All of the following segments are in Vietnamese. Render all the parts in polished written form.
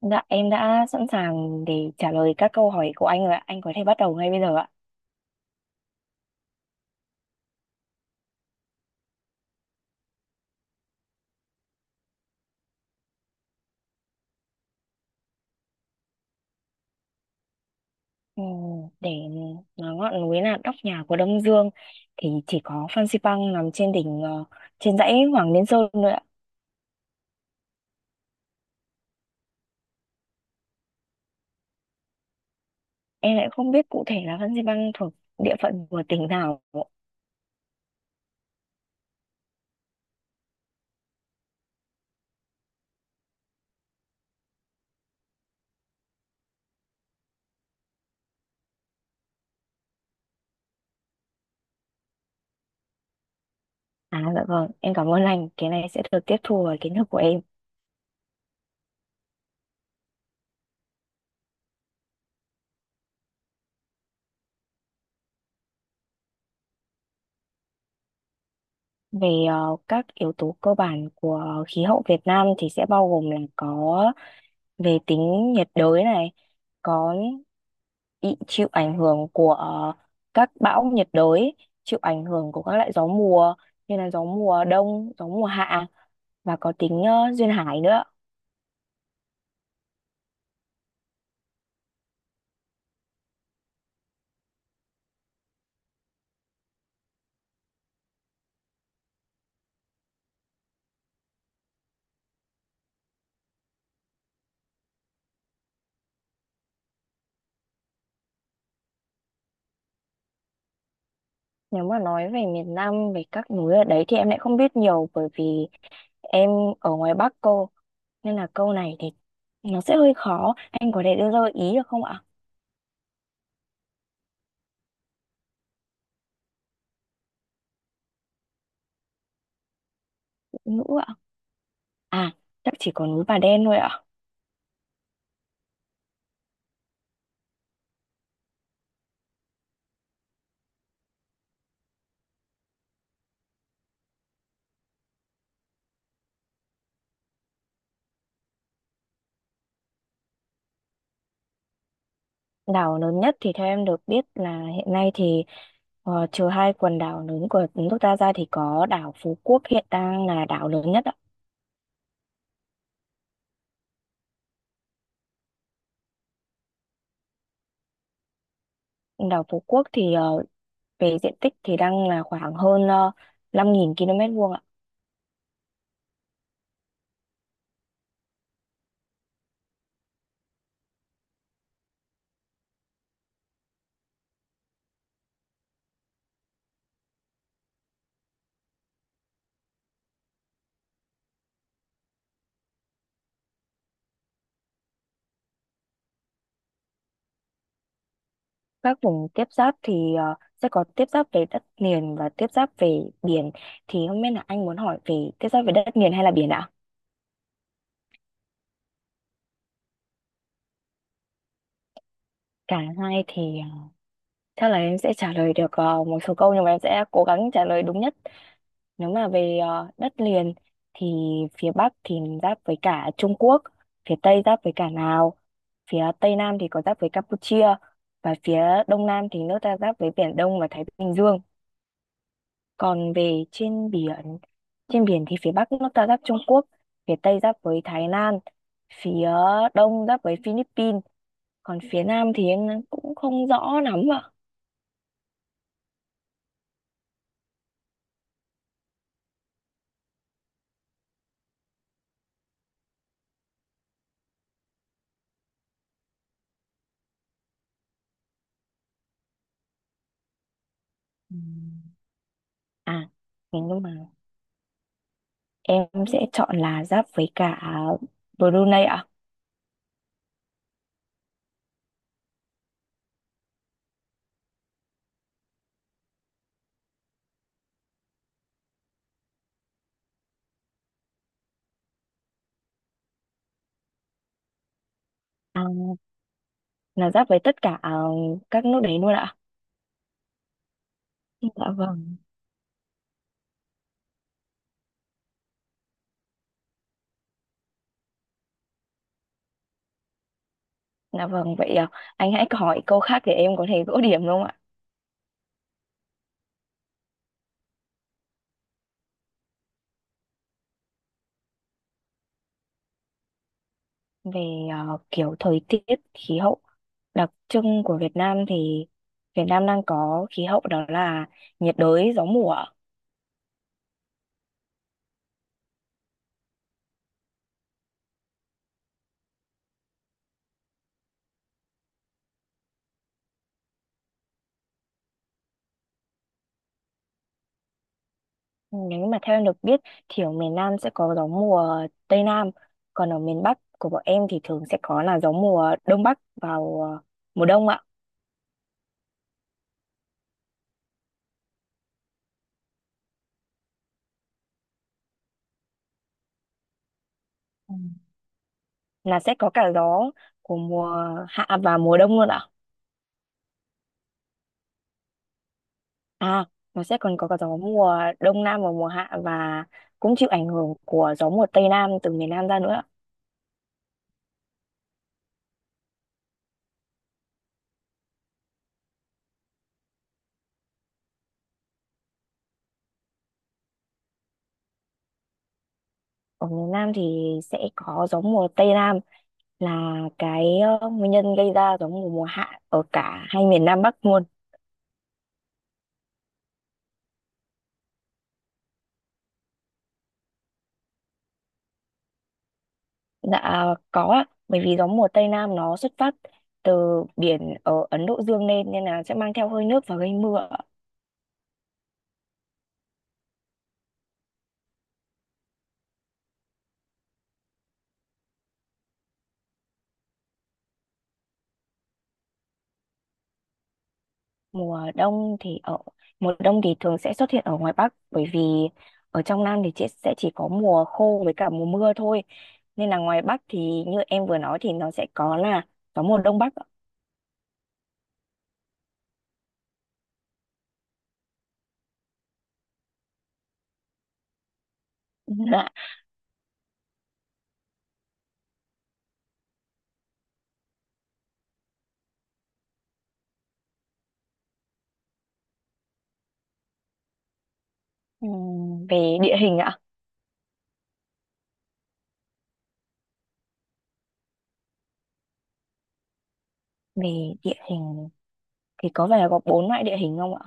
Dạ, em đã sẵn sàng để trả lời các câu hỏi của anh rồi ạ. Anh có thể bắt đầu ngay bây giờ ạ. Ừm, Để nói ngọn núi là nóc nhà của Đông Dương thì chỉ có Phan Xipang nằm trên đỉnh trên dãy Hoàng Liên Sơn thôi ạ. Em lại không biết cụ thể là Phan Xipang thuộc địa phận của tỉnh nào. À, dạ vâng, em cảm ơn anh. Cái này sẽ được tiếp thu vào kiến thức của em. Về các yếu tố cơ bản của khí hậu Việt Nam thì sẽ bao gồm là có về tính nhiệt đới này, có bị chịu ảnh hưởng của các bão nhiệt đới, chịu ảnh hưởng của các loại gió mùa như là gió mùa đông, gió mùa hạ và có tính duyên hải nữa. Nếu mà nói về miền Nam, về các núi ở đấy thì em lại không biết nhiều bởi vì em ở ngoài Bắc cô. Nên là câu này thì nó sẽ hơi khó. Anh có thể đưa ra gợi ý được không ạ? Ngữ ạ? À, chắc chỉ có núi Bà Đen thôi ạ. Đảo lớn nhất thì theo em được biết là hiện nay thì trừ hai quần đảo lớn của nước ta ra thì có đảo Phú Quốc hiện đang là đảo lớn nhất ạ. Đảo Phú Quốc thì về diện tích thì đang là khoảng hơn uh, 5.000 km vuông ạ. Các vùng tiếp giáp thì sẽ có tiếp giáp về đất liền và tiếp giáp về biển. Thì không biết là anh muốn hỏi về tiếp giáp về đất liền hay là biển ạ? Cả hai thì chắc là em sẽ trả lời được một số câu nhưng mà em sẽ cố gắng trả lời đúng nhất. Nếu mà về đất liền thì phía Bắc thì giáp với cả Trung Quốc, phía Tây giáp với cả Lào, phía Tây Nam thì có giáp với Campuchia và phía Đông Nam thì nước ta giáp với Biển Đông và Thái Bình Dương. Còn về trên biển thì phía Bắc nước ta giáp Trung Quốc, phía Tây giáp với Thái Lan, phía Đông giáp với Philippines, còn phía Nam thì em cũng không rõ lắm ạ. Ừm. À, thế nhưng mà em sẽ chọn là giáp với cả Brunei. À, là giáp với tất cả các nước đấy luôn ạ. Dạ vâng, dạ vâng. Vậy anh hãy hỏi câu khác để em có thể gỡ điểm đúng không ạ? Về kiểu thời tiết, khí hậu đặc trưng của Việt Nam thì Việt Nam đang có khí hậu đó là nhiệt đới, gió mùa ạ. Nếu mà theo em được biết thì ở miền Nam sẽ có gió mùa Tây Nam, còn ở miền Bắc của bọn em thì thường sẽ có là gió mùa Đông Bắc vào mùa đông ạ. Ừ. Là sẽ có cả gió của mùa hạ và mùa đông luôn ạ. À, nó sẽ còn có cả gió mùa đông nam và mùa hạ và cũng chịu ảnh hưởng của gió mùa tây nam từ miền nam ra nữa. Ở miền nam thì sẽ có gió mùa tây nam là cái nguyên nhân gây ra gió mùa mùa hạ ở cả hai miền nam bắc luôn. Dạ có ạ, bởi vì gió mùa tây nam nó xuất phát từ biển ở Ấn Độ Dương lên nên là sẽ mang theo hơi nước và gây mưa. Mùa đông thì ở mùa đông thì thường sẽ xuất hiện ở ngoài Bắc bởi vì ở trong Nam thì chỉ, sẽ chỉ có mùa khô với cả mùa mưa thôi nên là ngoài Bắc thì như em vừa nói thì nó sẽ có là gió mùa đông bắc ạ. Dạ. Về địa hình ạ? Về địa hình thì có vẻ là có bốn loại địa hình không ạ?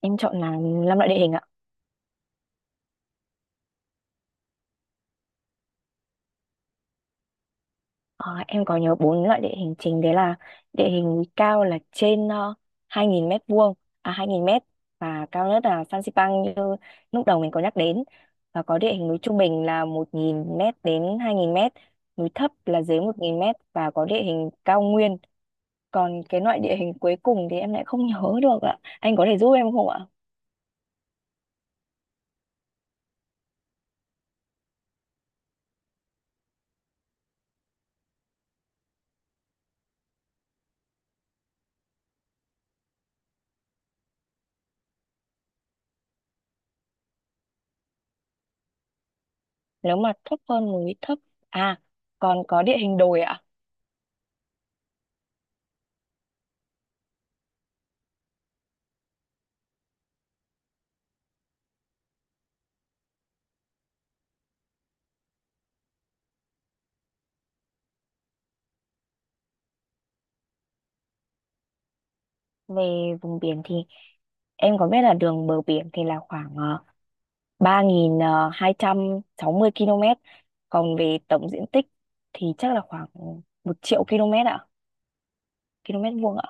Em chọn là năm loại địa hình ạ. Ờ, em có nhớ bốn loại địa hình chính đấy là địa hình núi cao là trên 2.000 mét vuông, à, 2.000 mét và cao nhất là Phan Xipang như lúc đầu mình có nhắc đến, và có địa hình núi trung bình là 1.000 mét đến 2.000 mét, núi thấp là dưới 1.000 mét và có địa hình cao nguyên. Còn cái loại địa hình cuối cùng thì em lại không nhớ được ạ, anh có thể giúp em không ạ? Nếu mà thấp hơn núi thấp à, còn có địa hình đồi ạ. Về vùng biển thì em có biết là đường bờ biển thì là khoảng 3.260 km, còn về tổng diện tích thì chắc là khoảng 1.000.000 km ạ, km vuông ạ.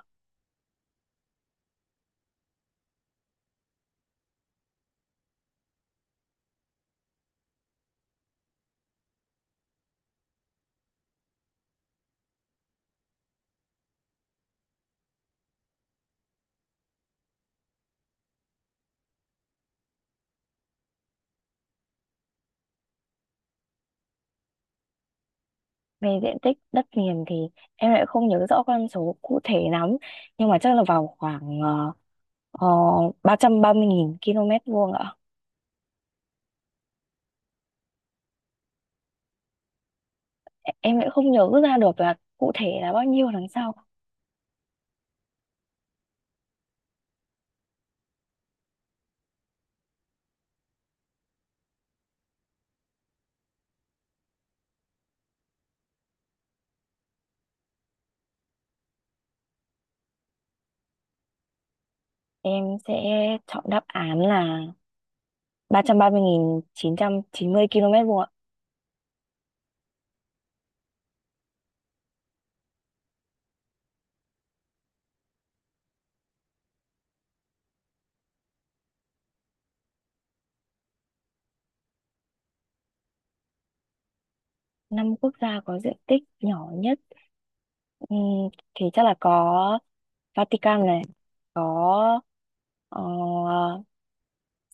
Về diện tích đất liền thì em lại không nhớ rõ con số cụ thể lắm, nhưng mà chắc là vào khoảng 330.000 km vuông ạ. Em lại không nhớ ra được là cụ thể là bao nhiêu đằng sau. Em sẽ chọn đáp án là ba ba trăm trăm mươi nghìn chín trăm chín mươi km vuông ạ. Năm quốc gia có diện tích nhỏ nhất. Ừ, thì chắc là có Vatican này, có ờ,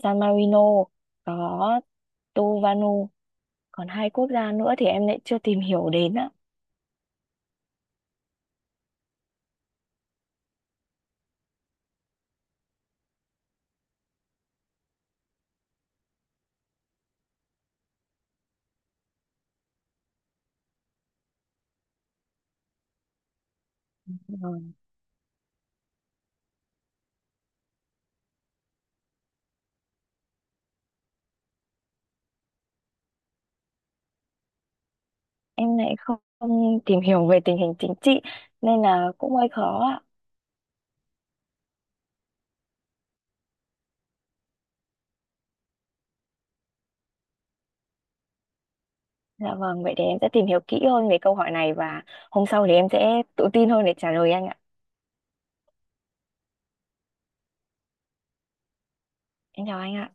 San Marino, có Tuvalu, còn hai quốc gia nữa thì em lại chưa tìm hiểu đến á. Ừ, em lại không tìm hiểu về tình hình chính trị nên là cũng hơi khó ạ. Dạ vâng, vậy thì em sẽ tìm hiểu kỹ hơn về câu hỏi này và hôm sau thì em sẽ tự tin hơn để trả lời anh ạ. Em chào anh ạ.